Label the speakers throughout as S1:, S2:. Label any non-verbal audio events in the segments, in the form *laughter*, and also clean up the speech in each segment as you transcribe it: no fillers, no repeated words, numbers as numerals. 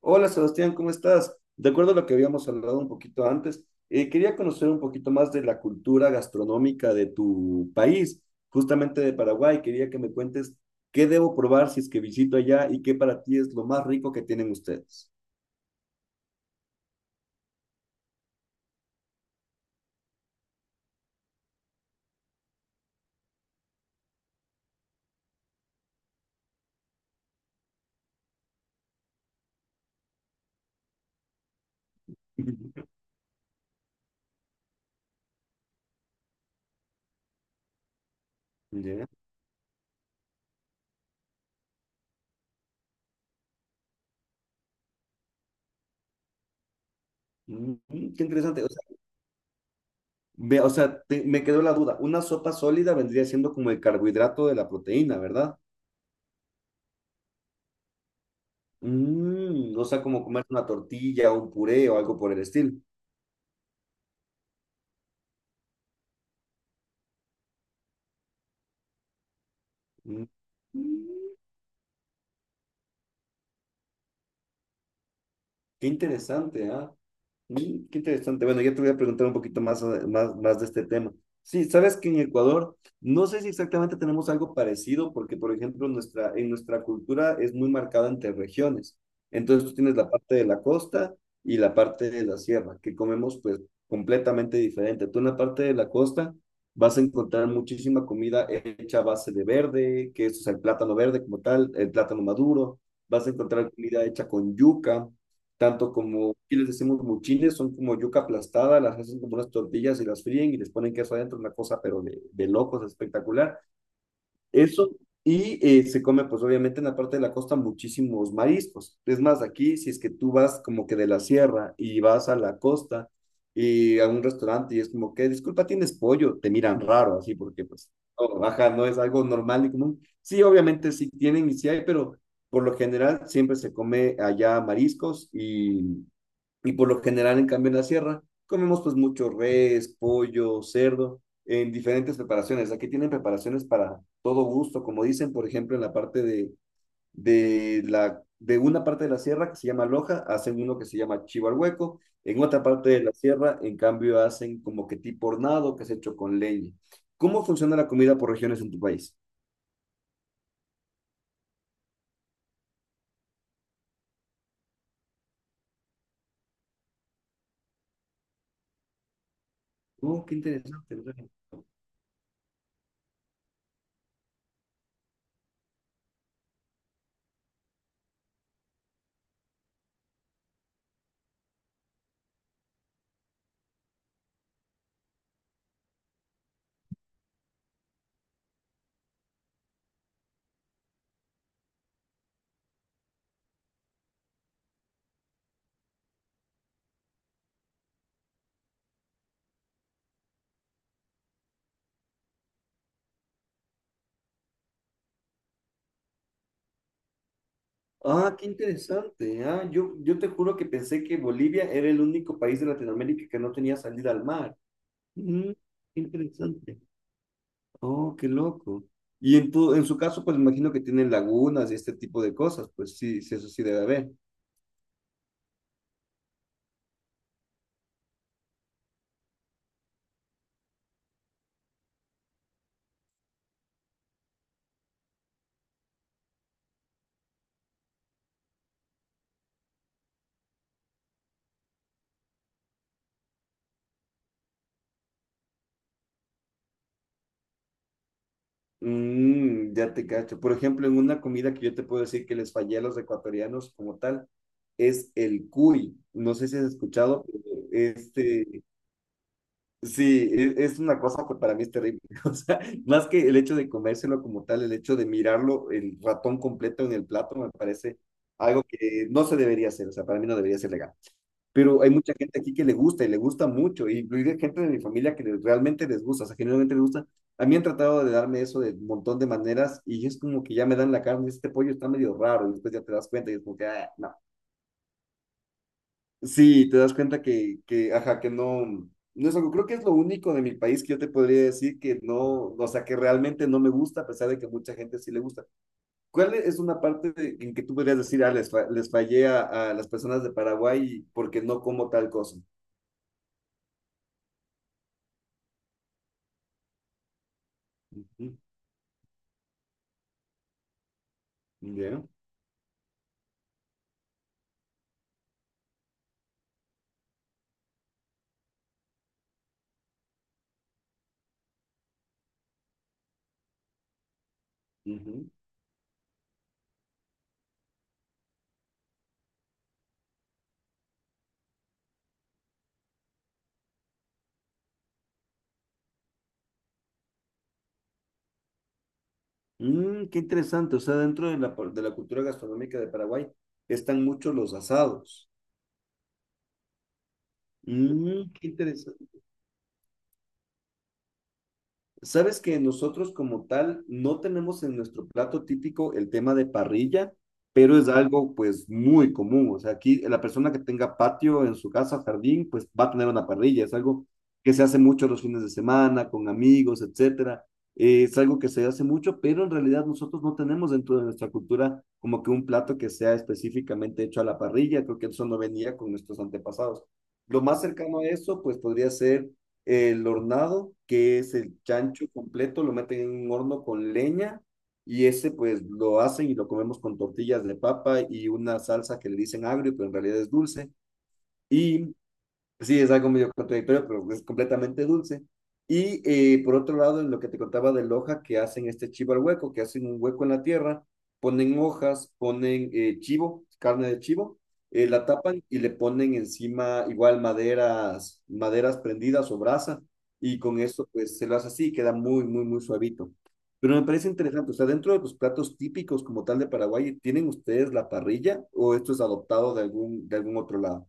S1: Hola Sebastián, ¿cómo estás? De acuerdo a lo que habíamos hablado un poquito antes, quería conocer un poquito más de la cultura gastronómica de tu país, justamente de Paraguay. Quería que me cuentes qué debo probar si es que visito allá y qué para ti es lo más rico que tienen ustedes. *laughs* Ya. Mm, qué interesante. O sea, o sea, me quedó la duda. Una sopa sólida vendría siendo como el carbohidrato de la proteína, ¿verdad? Mm, o sea, como comer una tortilla, un puré o algo por el estilo. Mm. Qué interesante, ¿ah? Mm, qué interesante. Bueno, ya te voy a preguntar un poquito más, más, más de este tema. Sí, sabes que en Ecuador, no sé si exactamente tenemos algo parecido, porque, por ejemplo, en nuestra cultura es muy marcada entre regiones. Entonces, tú tienes la parte de la costa y la parte de la sierra, que comemos, pues, completamente diferente. Tú en la parte de la costa vas a encontrar muchísima comida hecha a base de verde, que es, o sea, el plátano verde como tal, el plátano maduro. Vas a encontrar comida hecha con yuca tanto como aquí les decimos muchines, son como yuca aplastada, las hacen como unas tortillas y las fríen y les ponen queso adentro, una cosa pero de locos, espectacular. Eso, y se come pues obviamente en la parte de la costa muchísimos mariscos. Es más, aquí si es que tú vas como que de la sierra y vas a la costa y a un restaurante y es como que, disculpa, ¿tienes pollo? Te miran raro así porque pues, no, baja, no es algo normal y común. Sí, obviamente sí tienen y sí hay, pero... Por lo general siempre se come allá mariscos y por lo general, en cambio, en la sierra comemos pues mucho res, pollo, cerdo, en diferentes preparaciones. Aquí tienen preparaciones para todo gusto, como dicen, por ejemplo, en la parte de una parte de la sierra que se llama Loja, hacen uno que se llama chivo al hueco. En otra parte de la sierra, en cambio, hacen como que tipo hornado, que es hecho con leña. ¿Cómo funciona la comida por regiones en tu país? Oh, qué interesante. Ah, qué interesante. Ah, yo te juro que pensé que Bolivia era el único país de Latinoamérica que no tenía salida al mar. Mm, qué interesante. Oh, qué loco. Y en en su caso, pues imagino que tienen lagunas y este tipo de cosas. Pues sí, sí, eso sí debe haber. Mm, ya te cacho. Por ejemplo, en una comida que yo te puedo decir que les fallé a los ecuatorianos como tal, es el cuy. No sé si has escuchado, pero este Sí, es una cosa que para mí es terrible. *laughs* O sea, más que el hecho de comérselo como tal, el hecho de mirarlo, el ratón completo en el plato, me parece algo que no se debería hacer. O sea, para mí no debería ser legal. Pero hay mucha gente aquí que le gusta y le gusta mucho, y incluida gente de mi familia que realmente les gusta, o sea, genuinamente les gusta. A mí han tratado de darme eso de un montón de maneras y es como que ya me dan la carne, este pollo está medio raro, y después ya te das cuenta y es como que, ah, no. Sí, te das cuenta que, ajá, que no, no es algo, creo que es lo único de mi país que yo te podría decir que no, o sea, que realmente no me gusta, a pesar de que mucha gente sí le gusta. ¿Cuál es una parte en que tú podrías decir, ah, les fallé a las personas de Paraguay porque no como tal cosa? Ujú, ya, ujú. Mm, qué interesante, o sea, dentro de de la cultura gastronómica de Paraguay están muchos los asados. Mm, qué interesante. Sabes que nosotros como tal no tenemos en nuestro plato típico el tema de parrilla, pero es algo pues muy común. O sea, aquí la persona que tenga patio en su casa, jardín, pues va a tener una parrilla. Es algo que se hace mucho los fines de semana, con amigos, etcétera. Es algo que se hace mucho, pero en realidad nosotros no tenemos dentro de nuestra cultura como que un plato que sea específicamente hecho a la parrilla. Creo que eso no venía con nuestros antepasados. Lo más cercano a eso pues podría ser el hornado, que es el chancho completo, lo meten en un horno con leña y ese pues lo hacen y lo comemos con tortillas de papa y una salsa que le dicen agrio, pero en realidad es dulce. Y Sí, es algo medio contradictorio, pero es completamente dulce. Y por otro lado, en lo que te contaba de hoja que hacen este chivo al hueco, que hacen un hueco en la tierra, ponen hojas, ponen chivo, carne de chivo, la tapan y le ponen encima igual maderas, maderas prendidas o brasa, y con eso pues se lo hace así, queda muy suavito. Pero me parece interesante, o sea, dentro de los platos típicos como tal de Paraguay, ¿tienen ustedes la parrilla o esto es adoptado de de algún otro lado?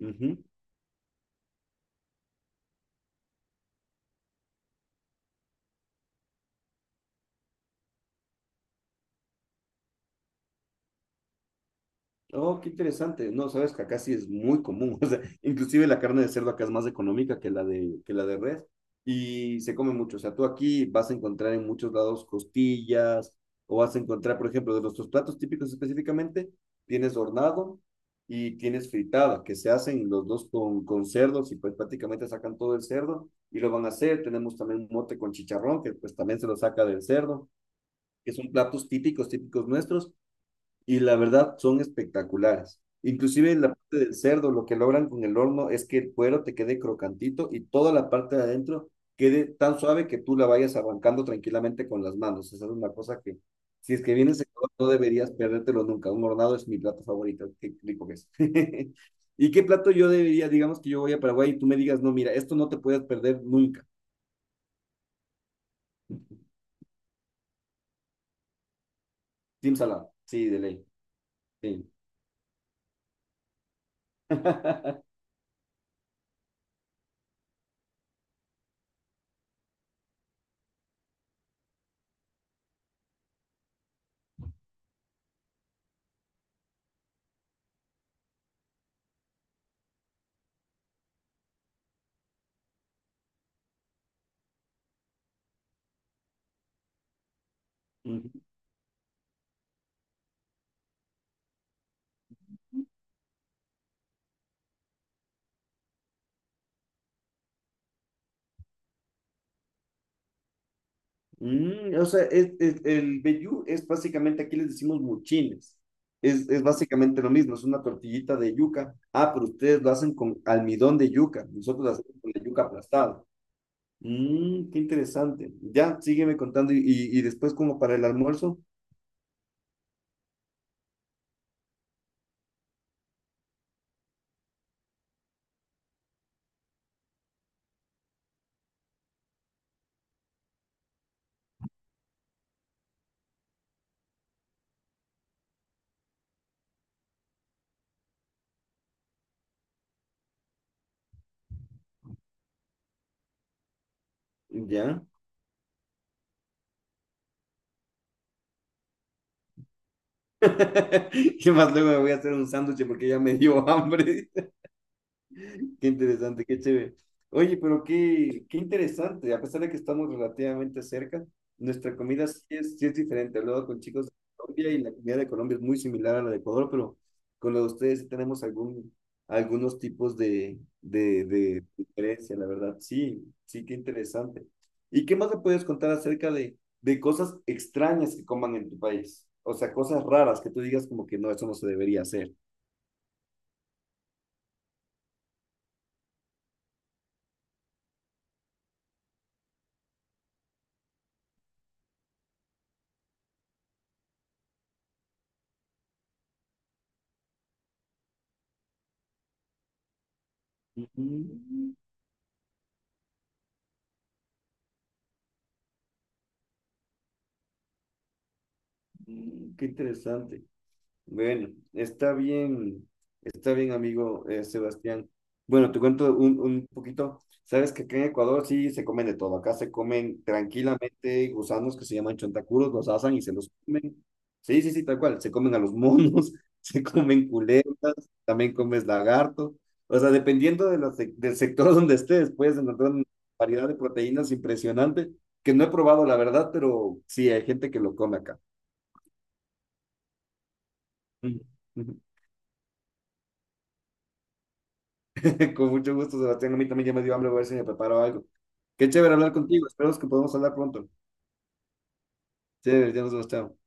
S1: Ujú. Oh, qué interesante. No, sabes que acá sí es muy común. *laughs* O sea, inclusive la carne de cerdo acá es más económica que que la de res y se come mucho. O sea, tú aquí vas a encontrar en muchos lados costillas o vas a encontrar, por ejemplo, de nuestros platos típicos específicamente, tienes hornado y tienes fritada, que se hacen los dos con cerdos y pues prácticamente sacan todo el cerdo y lo van a hacer. Tenemos también un mote con chicharrón, que pues también se lo saca del cerdo, que son platos típicos, típicos nuestros y la verdad son espectaculares. Inclusive la parte del cerdo, lo que logran con el horno es que el cuero te quede crocantito y toda la parte de adentro quede tan suave que tú la vayas arrancando tranquilamente con las manos. Esa es una cosa que, si es que vienes a Ecuador, no deberías perdértelo nunca. Un hornado es mi plato favorito, qué rico que es. *laughs* ¿Y qué plato yo debería, digamos que yo voy a Paraguay y tú me digas, no, mira, esto no te puedes perder nunca. Team salado, sí, de ley, sí. *laughs* Mm, o sea, el vellú es básicamente, aquí les decimos muchines. Es básicamente lo mismo, es una tortillita de yuca. Ah, pero ustedes lo hacen con almidón de yuca. Nosotros lo hacemos con la yuca aplastada. Mm, qué interesante. Ya, sígueme contando y después como para el almuerzo. Ya. *laughs* ¿Qué más luego me voy a hacer un sándwich porque ya me dio hambre? Qué interesante, qué chévere. Oye, pero qué interesante. A pesar de que estamos relativamente cerca, nuestra comida sí es diferente. Hablaba con chicos de Colombia y la comida de Colombia es muy similar a la de Ecuador, pero con la de ustedes sí tenemos algunos tipos de diferencia, la verdad. Sí, sí, qué interesante. ¿Y qué más me puedes contar acerca de cosas extrañas que coman en tu país? O sea, cosas raras que tú digas como que no, eso no se debería hacer. Mm, mm, qué interesante. Bueno, está bien, amigo Sebastián. Bueno, te cuento un poquito. Sabes que acá en Ecuador sí se comen de todo. Acá se comen tranquilamente gusanos que se llaman chontacuros, los asan y se los comen. Sí, sí, sí, tal cual. Se comen a los monos, *laughs* se comen culebras, también comes lagarto. O sea, dependiendo de la del sector *laughs* donde estés, puedes encontrar una variedad de proteínas impresionante que no he probado, la verdad, pero sí, hay gente que lo come acá. Ujú. *laughs* Con mucho gusto, Sebastián. A mí también ya me dio hambre, voy a ver si me preparo algo. Qué chévere hablar contigo. Espero que podamos hablar pronto. Chévere, ya nos vemos, chao.